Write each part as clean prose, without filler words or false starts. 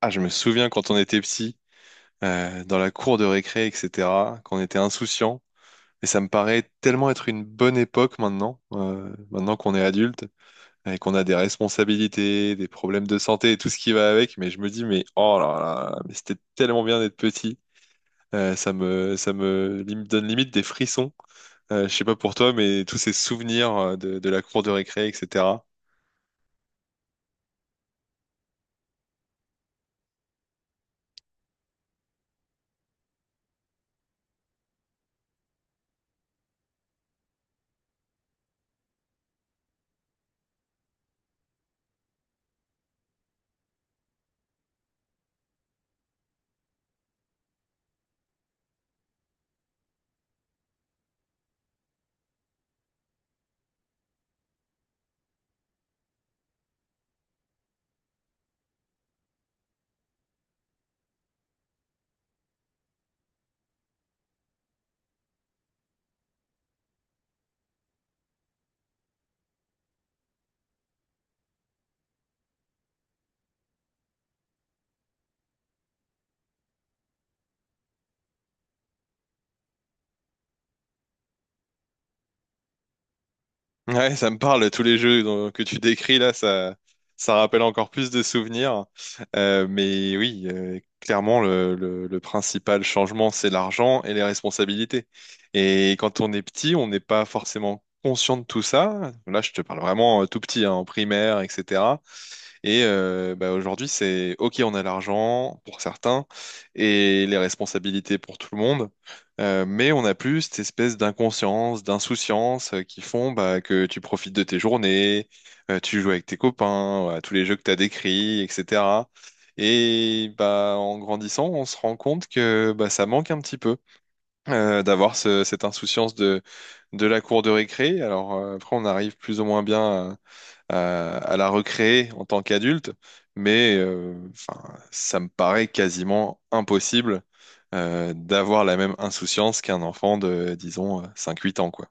Ah, je me souviens quand on était petit, dans la cour de récré, etc., qu'on était insouciant. Et ça me paraît tellement être une bonne époque maintenant, maintenant qu'on est adulte et qu'on a des responsabilités, des problèmes de santé et tout ce qui va avec. Mais je me dis, mais oh là là, mais c'était tellement bien d'être petit. Ça me donne limite des frissons. Je sais pas pour toi, mais tous ces souvenirs de la cour de récré, etc. Ouais, ça me parle, tous les jeux que tu décris là, ça rappelle encore plus de souvenirs. Mais oui, clairement, le principal changement, c'est l'argent et les responsabilités. Et quand on est petit, on n'est pas forcément conscient de tout ça. Là, je te parle vraiment tout petit, hein, en primaire, etc. Et bah, aujourd'hui, c'est OK, on a l'argent pour certains et les responsabilités pour tout le monde, mais on a plus cette espèce d'inconscience, d'insouciance qui font bah, que tu profites de tes journées, tu joues avec tes copains, à tous les jeux que tu as décrits, etc. Et bah, en grandissant, on se rend compte que bah, ça manque un petit peu d'avoir cette insouciance de la cour de récré. Alors après, on arrive plus ou moins bien à la recréer en tant qu'adulte, mais enfin, ça me paraît quasiment impossible d'avoir la même insouciance qu'un enfant de, disons, 5-8 ans, quoi.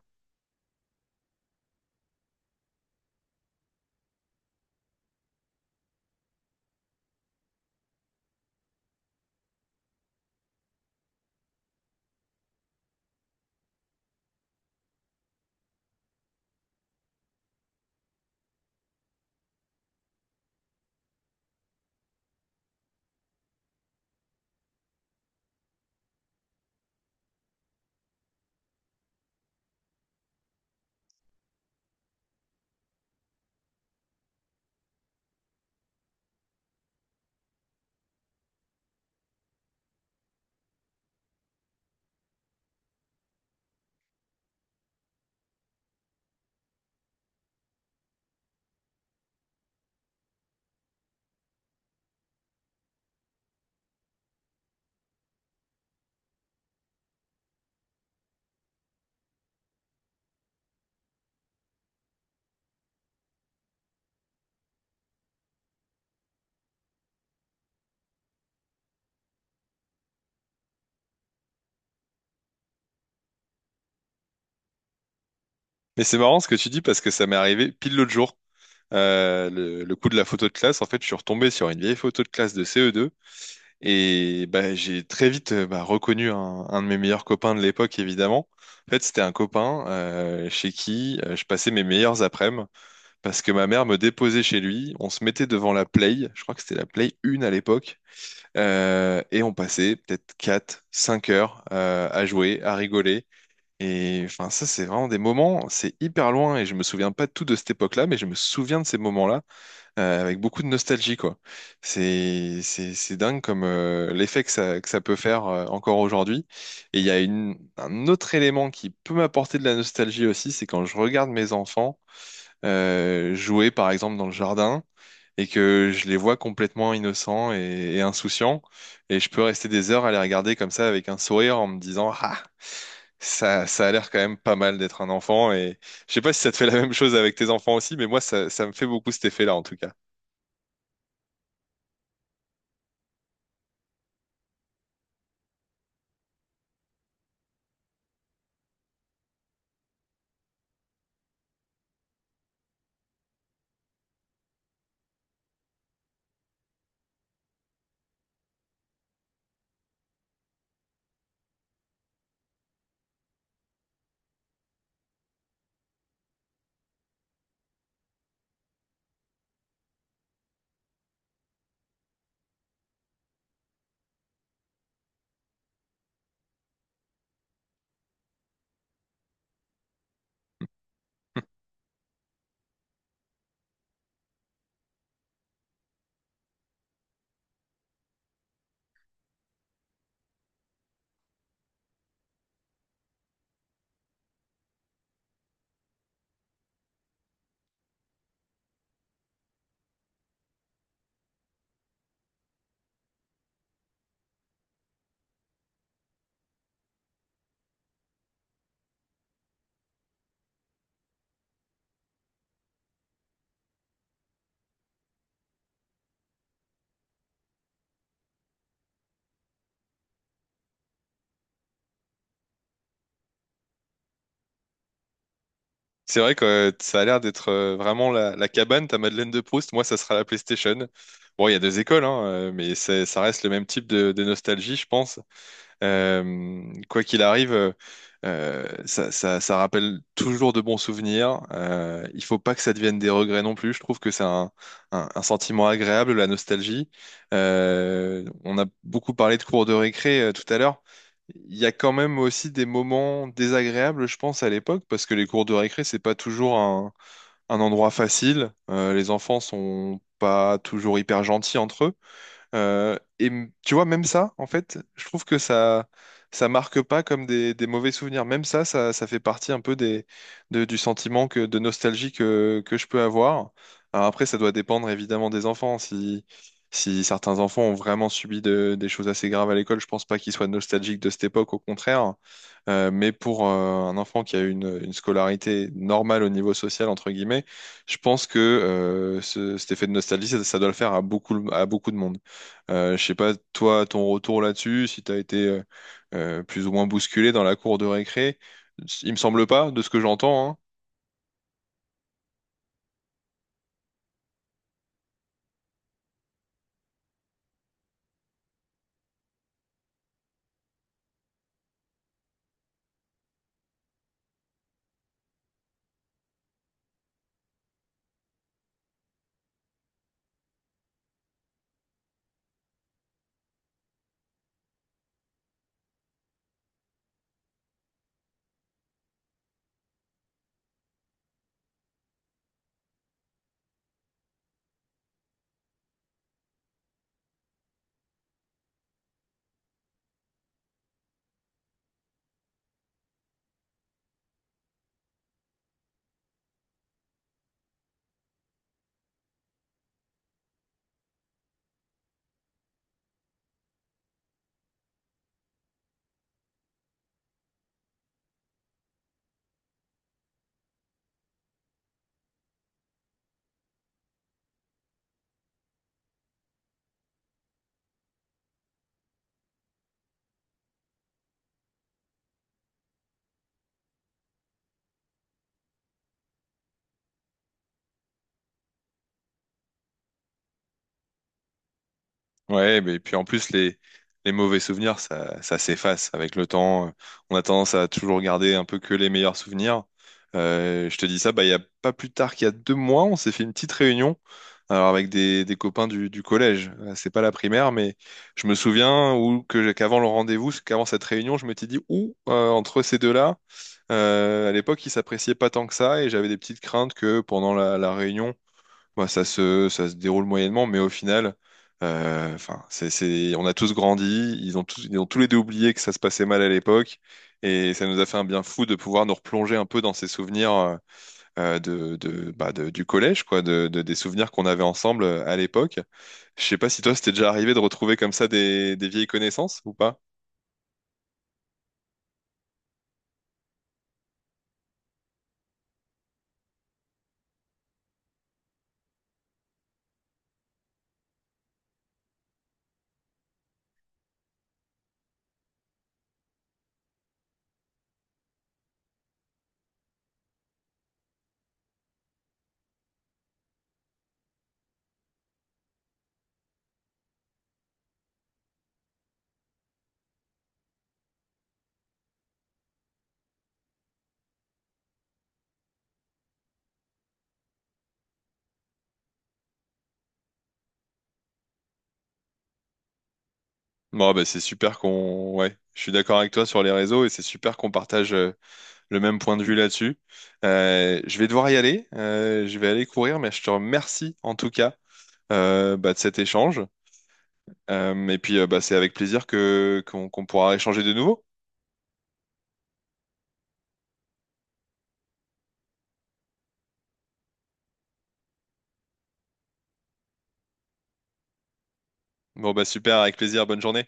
Mais c'est marrant ce que tu dis parce que ça m'est arrivé pile l'autre jour. Le coup de la photo de classe, en fait, je suis retombé sur une vieille photo de classe de CE2 et bah, j'ai très vite bah, reconnu un de mes meilleurs copains de l'époque, évidemment. En fait, c'était un copain chez qui je passais mes meilleurs après-midi parce que ma mère me déposait chez lui, on se mettait devant la Play, je crois que c'était la Play 1 à l'époque, et on passait peut-être 4, 5 heures à jouer, à rigoler. Et enfin, ça, c'est vraiment des moments, c'est hyper loin, et je me souviens pas de tout de cette époque-là, mais je me souviens de ces moments-là avec beaucoup de nostalgie, quoi. C'est dingue comme l'effet que ça peut faire encore aujourd'hui. Et il y a un autre élément qui peut m'apporter de la nostalgie aussi, c'est quand je regarde mes enfants jouer par exemple dans le jardin et que je les vois complètement innocents et insouciants, et je peux rester des heures à les regarder comme ça avec un sourire en me disant, ah, ça ça a l'air quand même pas mal d'être un enfant. Et je sais pas si ça te fait la même chose avec tes enfants aussi, mais moi ça ça me fait beaucoup cet effet-là en tout cas. C'est vrai que ça a l'air d'être vraiment la cabane, ta Madeleine de Proust. Moi, ça sera la PlayStation. Bon, il y a deux écoles, hein, mais ça reste le même type de nostalgie, je pense. Quoi qu'il arrive, ça rappelle toujours de bons souvenirs. Il faut pas que ça devienne des regrets non plus. Je trouve que c'est un sentiment agréable, la nostalgie. On a beaucoup parlé de cours de récré tout à l'heure. Il y a quand même aussi des moments désagréables, je pense, à l'époque, parce que les cours de récré, c'est pas toujours un endroit facile. Les enfants sont pas toujours hyper gentils entre eux. Et tu vois, même ça, en fait, je trouve que ça marque pas comme des mauvais souvenirs. Même ça, ça, ça fait partie un peu du sentiment de nostalgie que je peux avoir. Alors après, ça doit dépendre évidemment des enfants. Si certains enfants ont vraiment subi des choses assez graves à l'école, je pense pas qu'ils soient nostalgiques de cette époque, au contraire. Mais pour un enfant qui a eu une scolarité normale au niveau social, entre guillemets, je pense que cet effet de nostalgie, ça doit le faire à beaucoup de monde. Je sais pas, toi, ton retour là-dessus, si t'as été plus ou moins bousculé dans la cour de récré, il me semble pas, de ce que j'entends, hein. Ouais, mais puis en plus, les mauvais souvenirs, ça s'efface avec le temps. On a tendance à toujours garder un peu que les meilleurs souvenirs. Je te dis ça, bah, il y a pas plus tard qu'il y a 2 mois, on s'est fait une petite réunion, alors avec des copains du collège. C'est pas la primaire, mais je me souviens ou que qu'avant le rendez-vous, qu'avant cette réunion, je m'étais dit, ouh, entre ces deux-là. À l'époque, ils s'appréciaient pas tant que ça et j'avais des petites craintes que pendant la réunion, bah, ça se déroule moyennement, mais au final, enfin, on a tous grandi, ils ont tous les deux oublié que ça se passait mal à l'époque et ça nous a fait un bien fou de pouvoir nous replonger un peu dans ces souvenirs bah, du collège, quoi, des souvenirs qu'on avait ensemble à l'époque. Je sais pas si toi, c'était déjà arrivé de retrouver comme ça des vieilles connaissances ou pas? Bon, bah, Ouais, je suis d'accord avec toi sur les réseaux et c'est super qu'on partage le même point de vue là-dessus. Je vais devoir y aller, je vais aller courir, mais je te remercie en tout cas bah, de cet échange. Et puis, bah, c'est avec plaisir que qu'on qu'on pourra échanger de nouveau. Bon, bah super, avec plaisir, bonne journée.